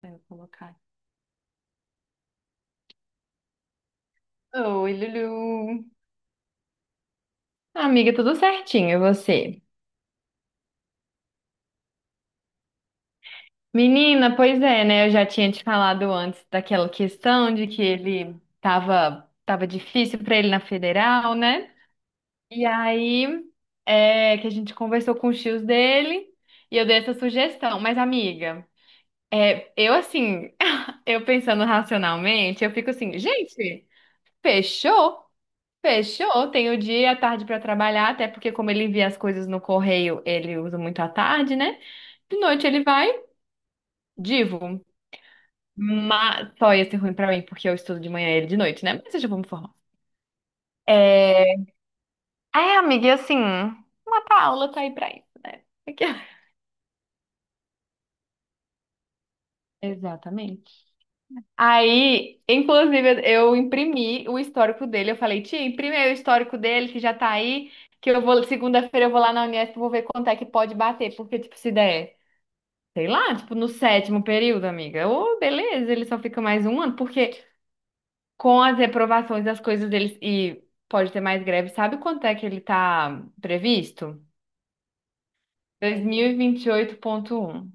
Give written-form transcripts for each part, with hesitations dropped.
Pra eu colocar. Oi, Lulu. Amiga, tudo certinho, e você? Menina, pois é, né? Eu já tinha te falado antes daquela questão de que ele tava difícil pra ele na federal, né? E aí é que a gente conversou com os tios dele e eu dei essa sugestão. Mas, amiga, é, eu assim, eu pensando racionalmente, eu fico assim, gente, fechou? Fechou, tem o dia e a tarde para trabalhar, até porque como ele envia as coisas no correio, ele usa muito a tarde, né? De noite ele vai, divo. Mas só ia ser ruim pra mim, porque eu estudo de manhã e ele de noite, né? Mas eu já vou me formar. É, é amiga, e assim, uma aula tá aí pra isso, né? Aqui- ó. Exatamente. Aí, inclusive, eu imprimi o histórico dele. Eu falei, tia, imprime aí o histórico dele, que já tá aí, que eu vou, segunda-feira eu vou lá na Unesp, vou ver quanto é que pode bater, porque, tipo, se der. Sei lá, tipo, no sétimo período, amiga. Ô, beleza, ele só fica mais um ano, porque com as reprovações das coisas deles, e pode ter mais greve, sabe quanto é que ele tá previsto? 2028.1.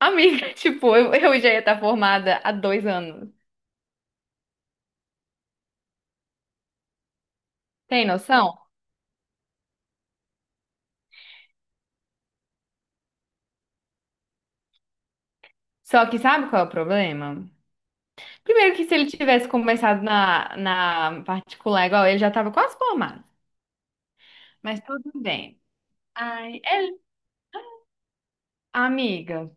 Amiga, tipo, eu já ia estar formada há dois anos. Tem noção? Só que sabe qual é o problema? Primeiro que se ele tivesse começado na particular igual, ele já tava quase formado. Mas tudo bem. Ai, ele, amiga.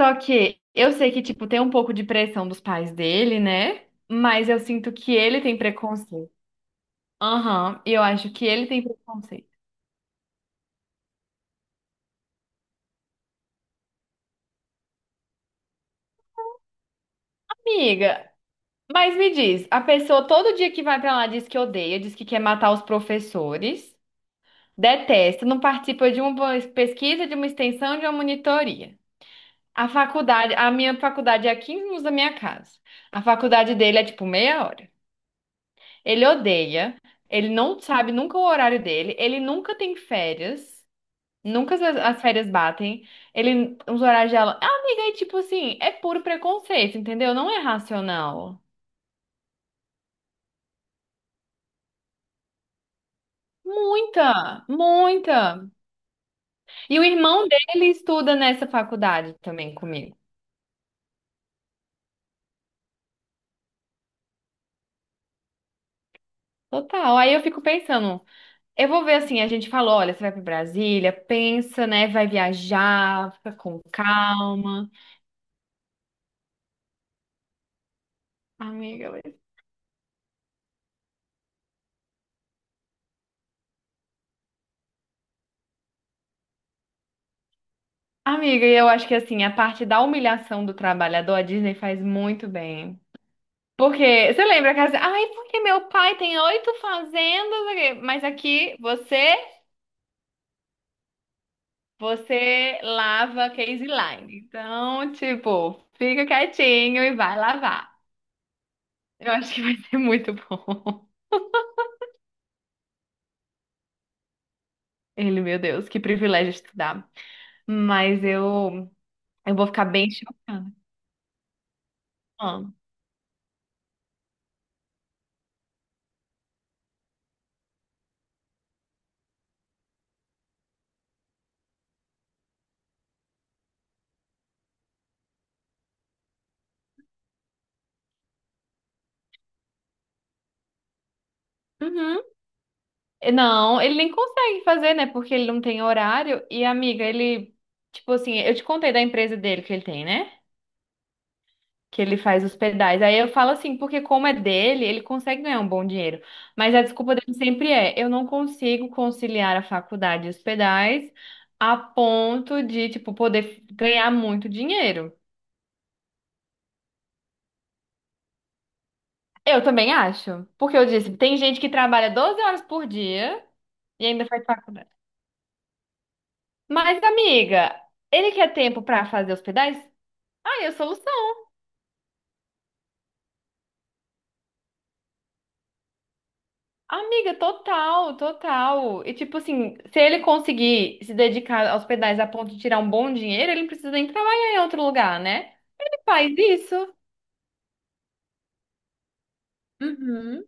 Só que eu sei que, tipo, tem um pouco de pressão dos pais dele, né? Mas eu sinto que ele tem preconceito. Aham, eu acho que ele tem preconceito. Amiga, mas me diz, a pessoa todo dia que vai pra lá diz que odeia, diz que quer matar os professores, detesta, não participa de uma pesquisa, de uma extensão, de uma monitoria. A faculdade, a minha faculdade é a 15 minutos da minha casa. A faculdade dele é tipo meia hora. Ele odeia. Ele não sabe nunca o horário dele, ele nunca tem férias. Nunca as férias batem. Ele, os horários dela. Ah, amiga, é tipo assim, é puro preconceito, entendeu? Não é racional. Muita, muita. E o irmão dele estuda nessa faculdade também comigo. Total. Aí eu fico pensando, eu vou ver assim, a gente falou, olha, você vai pra Brasília, pensa, né, vai viajar, fica com calma. Amiga, mas- amiga, eu acho que assim, a parte da humilhação do trabalhador, a Disney faz muito bem. Porque você lembra que assim, ai, porque meu pai tem 8 fazendas, aqui", mas aqui você, você lava case line. Então, tipo, fica quietinho e vai lavar. Eu acho que vai ser muito bom. Ele, meu Deus, que privilégio estudar. Mas eu vou ficar bem chocada. Ah. Uhum. Não, ele nem consegue fazer, né? Porque ele não tem horário. E, amiga, ele, tipo assim, eu te contei da empresa dele que ele tem, né? que ele faz os pedais. Aí eu falo assim, porque como é dele, ele consegue ganhar um bom dinheiro. Mas a desculpa dele sempre é, eu não consigo conciliar a faculdade e os pedais a ponto de, tipo, poder ganhar muito dinheiro. Eu também acho, porque eu disse, tem gente que trabalha 12 horas por dia e ainda faz faculdade. Mas, amiga, ele quer tempo pra fazer os pedais? Ah, eu soluciono Amiga, total, total. E tipo assim, se ele conseguir se dedicar aos pedais a ponto de tirar um bom dinheiro, ele não precisa nem trabalhar em outro lugar, né? Ele faz isso. Uhum.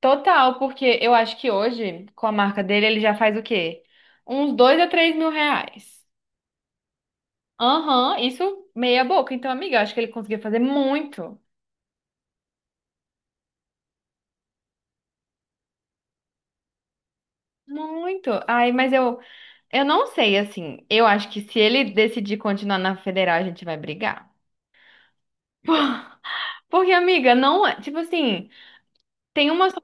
Total, porque eu acho que hoje, com a marca dele, ele já faz o quê? Uns dois a 3 mil reais. Aham, isso meia boca. Então, amiga, eu acho que ele conseguiu fazer muito. Muito. Ai, mas eu não sei, assim. Eu acho que se ele decidir continuar na federal, a gente vai brigar. Porque, amiga, não é. Tipo assim, tem uma.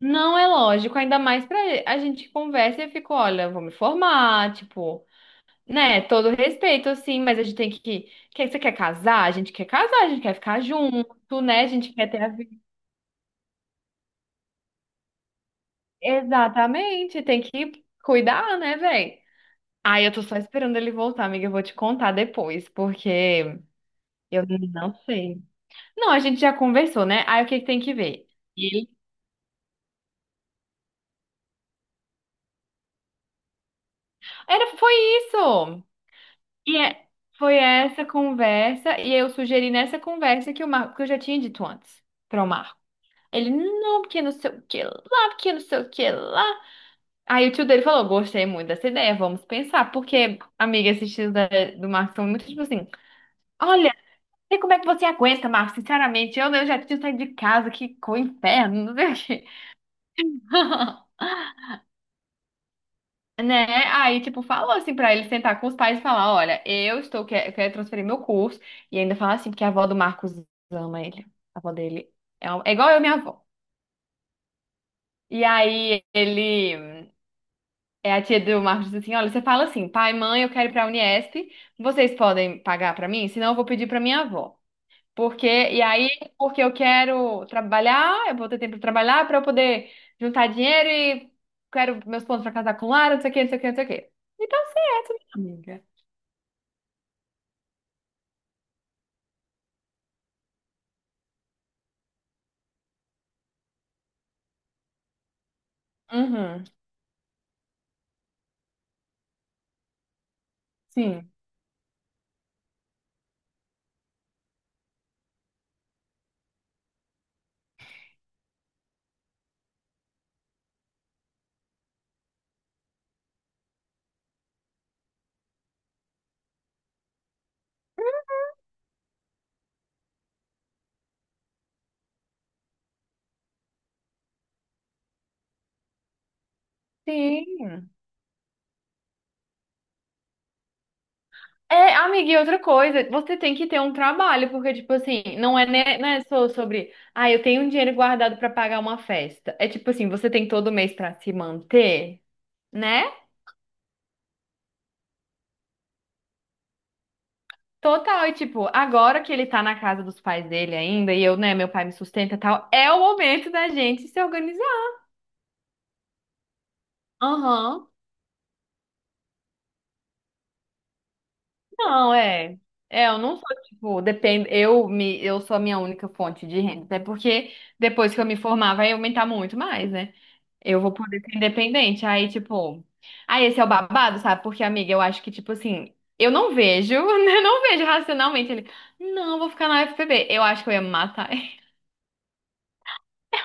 Não é lógico, ainda mais pra a gente que conversa e eu fico, olha, eu vou me formar, tipo, né? Todo respeito, assim, mas a gente tem que. Quer, você quer casar? A gente quer casar, a gente quer ficar junto, né? A gente quer ter a vida. Exatamente, tem que cuidar, né, velho? Ai, eu tô só esperando ele voltar, amiga. Eu vou te contar depois, porque eu não sei. Não, a gente já conversou, né? Aí o que que tem que ver? Ele. Era, foi isso! E é- foi essa conversa, e eu sugeri nessa conversa que o Marco, que eu já tinha dito antes para o Marco. Ele, não, porque não sei o que lá, porque não sei o que lá. Aí o tio dele falou: gostei muito dessa ideia, vamos pensar. Porque, amiga, esses tios do Marco são muito tipo assim: olha, não sei como é que você aguenta, Marco, sinceramente, eu já tinha saído de casa, que inferno, não sei o quê. Né? Aí, tipo, falou assim pra ele sentar com os pais e falar: Olha, eu estou, quer, quero transferir meu curso. E ainda falar assim, porque a avó do Marcos ama ele. A avó dele é, é igual eu, minha avó. E aí, ele. É a tia do Marcos diz assim: Olha, você fala assim, pai, mãe, eu quero ir pra Unesp. Vocês podem pagar pra mim? Senão, eu vou pedir pra minha avó. Porque, e aí, porque eu quero trabalhar, eu vou ter tempo pra trabalhar pra eu poder juntar dinheiro e quero meus pontos pra casar com Lara, não sei o que, não sei o que, não sei o que. E tá certo, minha amiga. Uhum, sim. Sim. É, amiga, e outra coisa, você tem que ter um trabalho, porque, tipo assim, não é, né, não é só sobre, ah, eu tenho um dinheiro guardado pra pagar uma festa. É tipo assim, você tem todo mês pra se manter, né? Total, e tipo, agora que ele tá na casa dos pais dele ainda, e eu, né, meu pai me sustenta e tal, é o momento da gente se organizar. Aham. Não, é. É, eu não sou, tipo, depende, eu sou a minha única fonte de renda, até porque depois que eu me formar vai aumentar muito mais, né? Eu vou poder ser independente, aí, tipo, aí esse é o babado, sabe? Porque, amiga, eu acho que, tipo assim, eu não vejo, eu não vejo racionalmente ele, não, vou ficar na UFPB. Eu acho que eu ia me matar.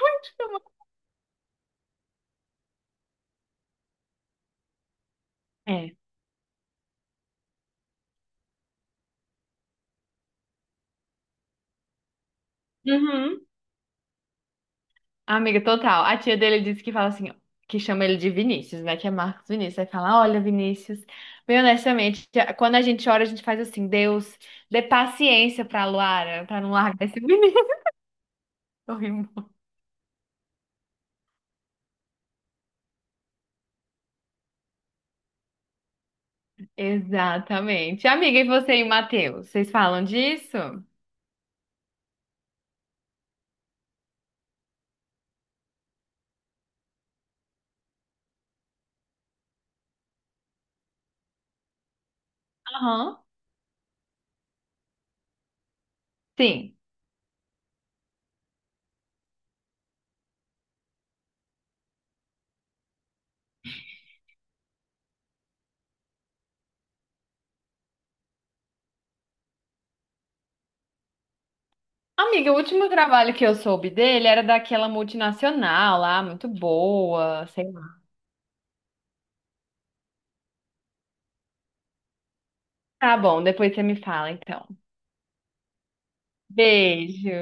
É. Uhum. Amiga, total. A tia dele disse que fala assim, que chama ele de Vinícius, né? Que é Marcos Vinícius. Aí fala, olha, Vinícius, bem honestamente, tia- quando a gente ora, a gente faz assim, Deus, dê paciência pra Luara, pra não largar esse menino. Eu ri muito. Exatamente. Amiga, e você e o Matheus, vocês falam disso? Aham. Sim. Amiga, o último trabalho que eu soube dele era daquela multinacional lá, muito boa, sei lá. Tá bom, depois você me fala, então. Beijo.